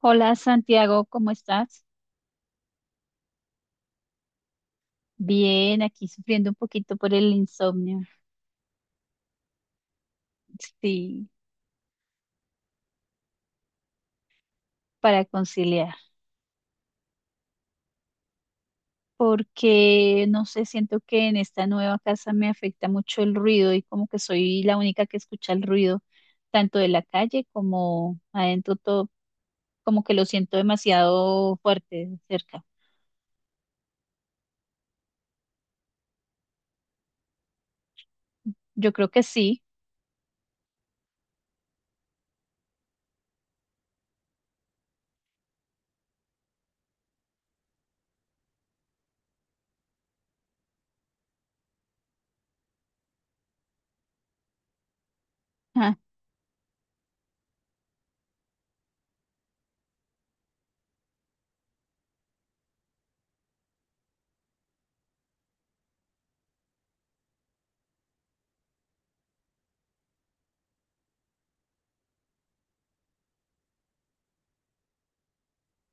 Hola Santiago, ¿cómo estás? Bien, aquí sufriendo un poquito por el insomnio, sí, para conciliar, porque no sé, siento que en esta nueva casa me afecta mucho el ruido y como que soy la única que escucha el ruido, tanto de la calle como adentro, todo, como que lo siento demasiado fuerte cerca. Yo creo que sí. Ah,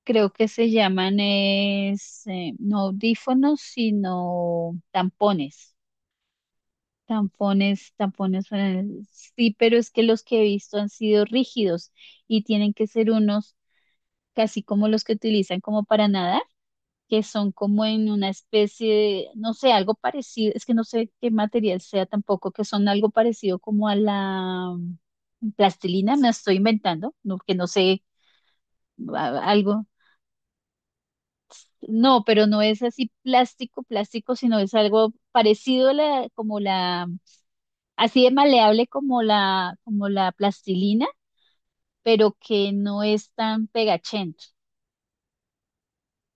creo que se llaman no audífonos, sino tampones. Tampones. Sí, pero es que los que he visto han sido rígidos y tienen que ser unos casi como los que utilizan como para nadar, que son como en una especie de, no sé, algo parecido, es que no sé qué material sea tampoco, que son algo parecido como a la plastilina, me estoy inventando, no, que no sé, algo. No, pero no es así plástico, plástico, sino es algo parecido a la, como la así de maleable como la plastilina, pero que no es tan pegachento.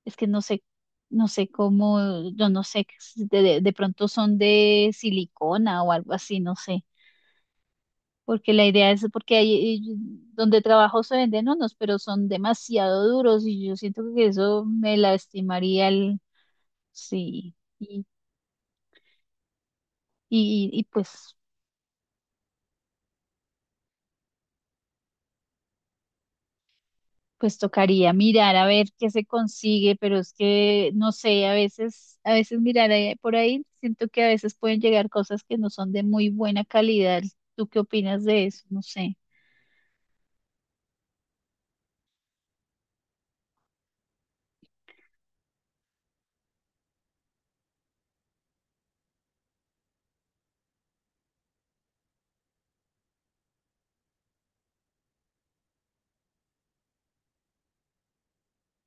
Es que no sé, no sé cómo, yo no sé, si de pronto son de silicona o algo así, no sé. Porque la idea es, porque ahí donde trabajo se venden unos, pero son demasiado duros y yo siento que eso me lastimaría el, sí, y pues. Pues tocaría mirar a ver qué se consigue, pero es que no sé, a veces mirar por ahí, siento que a veces pueden llegar cosas que no son de muy buena calidad. ¿Tú qué opinas de eso? No sé.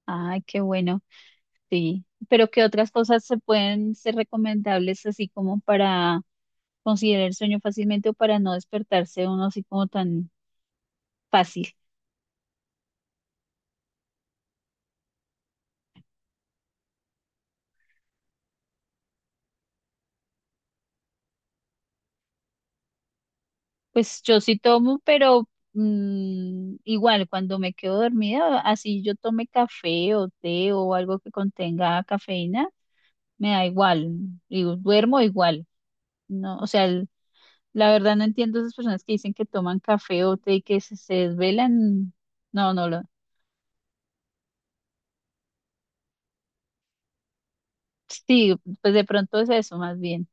Ay, qué bueno, sí. Pero ¿qué otras cosas se pueden ser recomendables así como para considerar el sueño fácilmente o para no despertarse uno así como tan fácil? Pues yo sí tomo, pero igual cuando me quedo dormida, así yo tome café o té o algo que contenga cafeína, me da igual, digo, duermo igual, ¿no? O sea, la verdad no entiendo esas personas que dicen que toman café o té y que se desvelan. No, no lo. Sí, pues de pronto es eso más bien,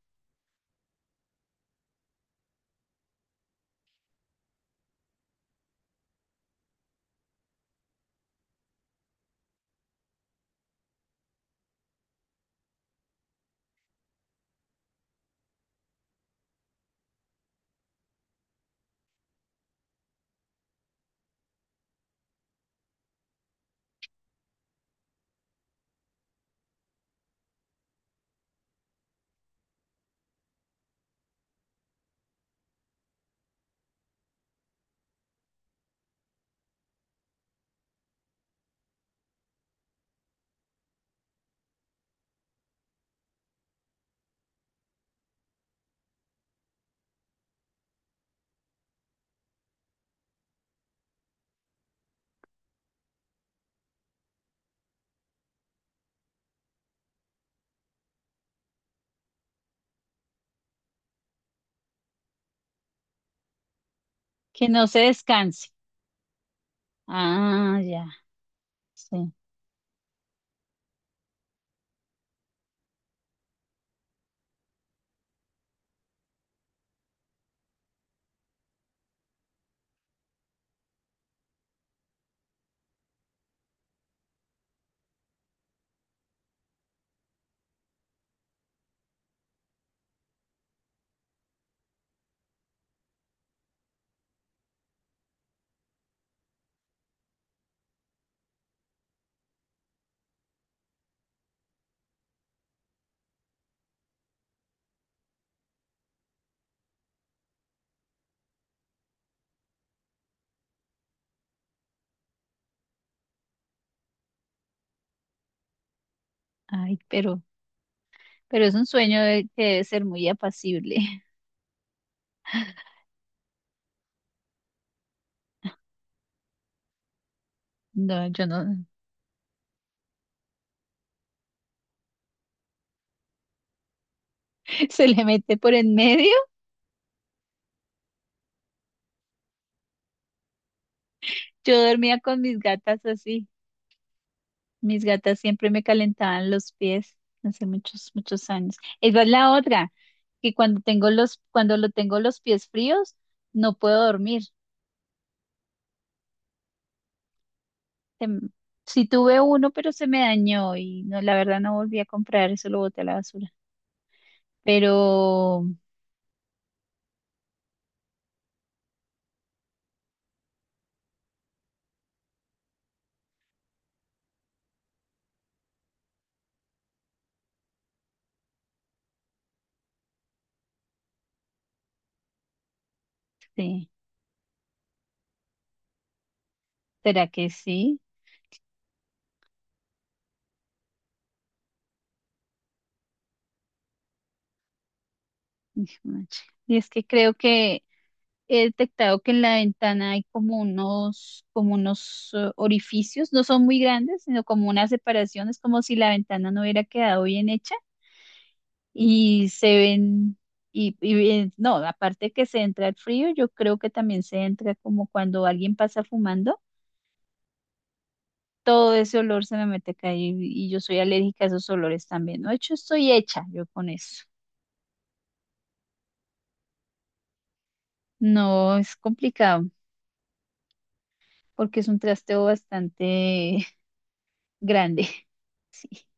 que no se descanse. Ah, ya, sí. Ay, pero es un sueño que debe ser muy apacible. No, yo no. se le mete por en medio. Yo dormía con mis gatas así. Mis gatas siempre me calentaban los pies hace muchos, muchos años. Esa es la otra, que cuando lo tengo los pies fríos, no puedo dormir. Tem- Sí tuve uno, pero se me dañó y no, la verdad no volví a comprar, eso lo boté a la basura. Pero sí, ¿será que sí? Hijo de madre. Y es que creo que he detectado que en la ventana hay como unos orificios, no son muy grandes, sino como unas separaciones. Como si la ventana no hubiera quedado bien hecha y se ven, no, aparte que se entra el frío, yo creo que también se entra como cuando alguien pasa fumando, todo ese olor se me mete acá y, yo soy alérgica a esos olores también, ¿no? De hecho, estoy hecha yo con eso. No, es complicado porque es un trasteo bastante grande. Sí.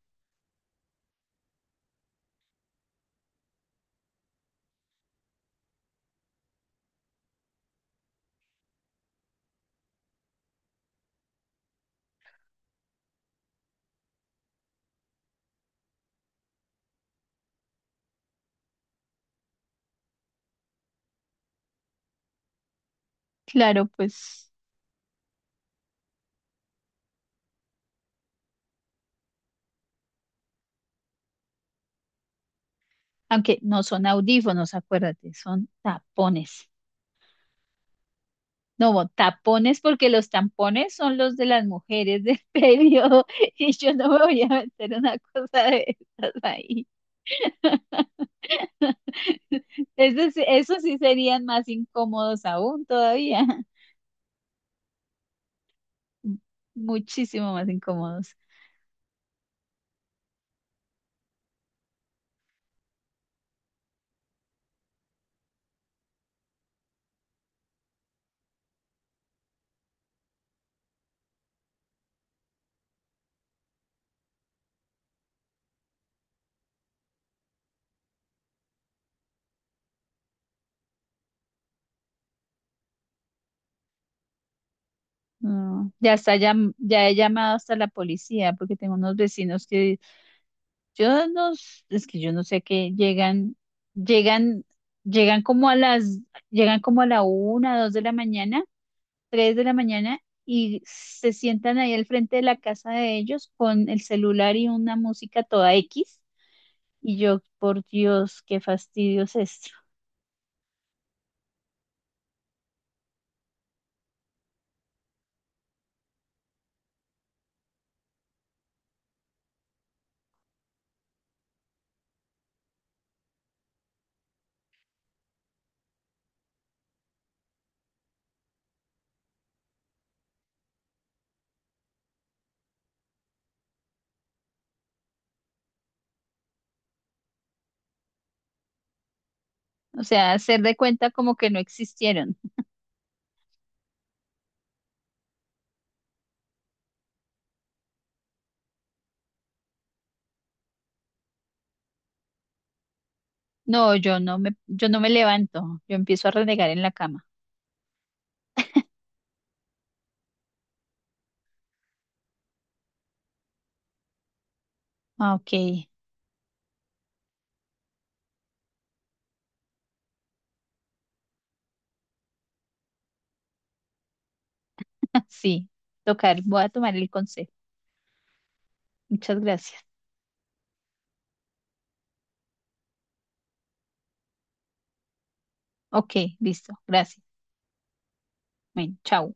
Claro, pues, aunque no son audífonos, acuérdate, son tapones. No, tapones porque los tampones son los de las mujeres del periodo y yo no me voy a meter una cosa de esas ahí. Eso sí serían más incómodos aún todavía, muchísimo más incómodos. No, ya está, ya, ya he llamado hasta la policía porque tengo unos vecinos que. Yo no, es que yo no sé qué llegan, llegan como a las, llegan como a la 1, 2 de la mañana, 3 de la mañana y se sientan ahí al frente de la casa de ellos con el celular y una música toda X. Y yo, por Dios, qué fastidio es esto. O sea, hacer de cuenta como que no existieron. No, yo no me levanto, yo empiezo a renegar en la cama. Ah, ok, sí, tocar, voy a tomar el consejo. Muchas gracias. Ok, listo. Gracias. Bueno, chao.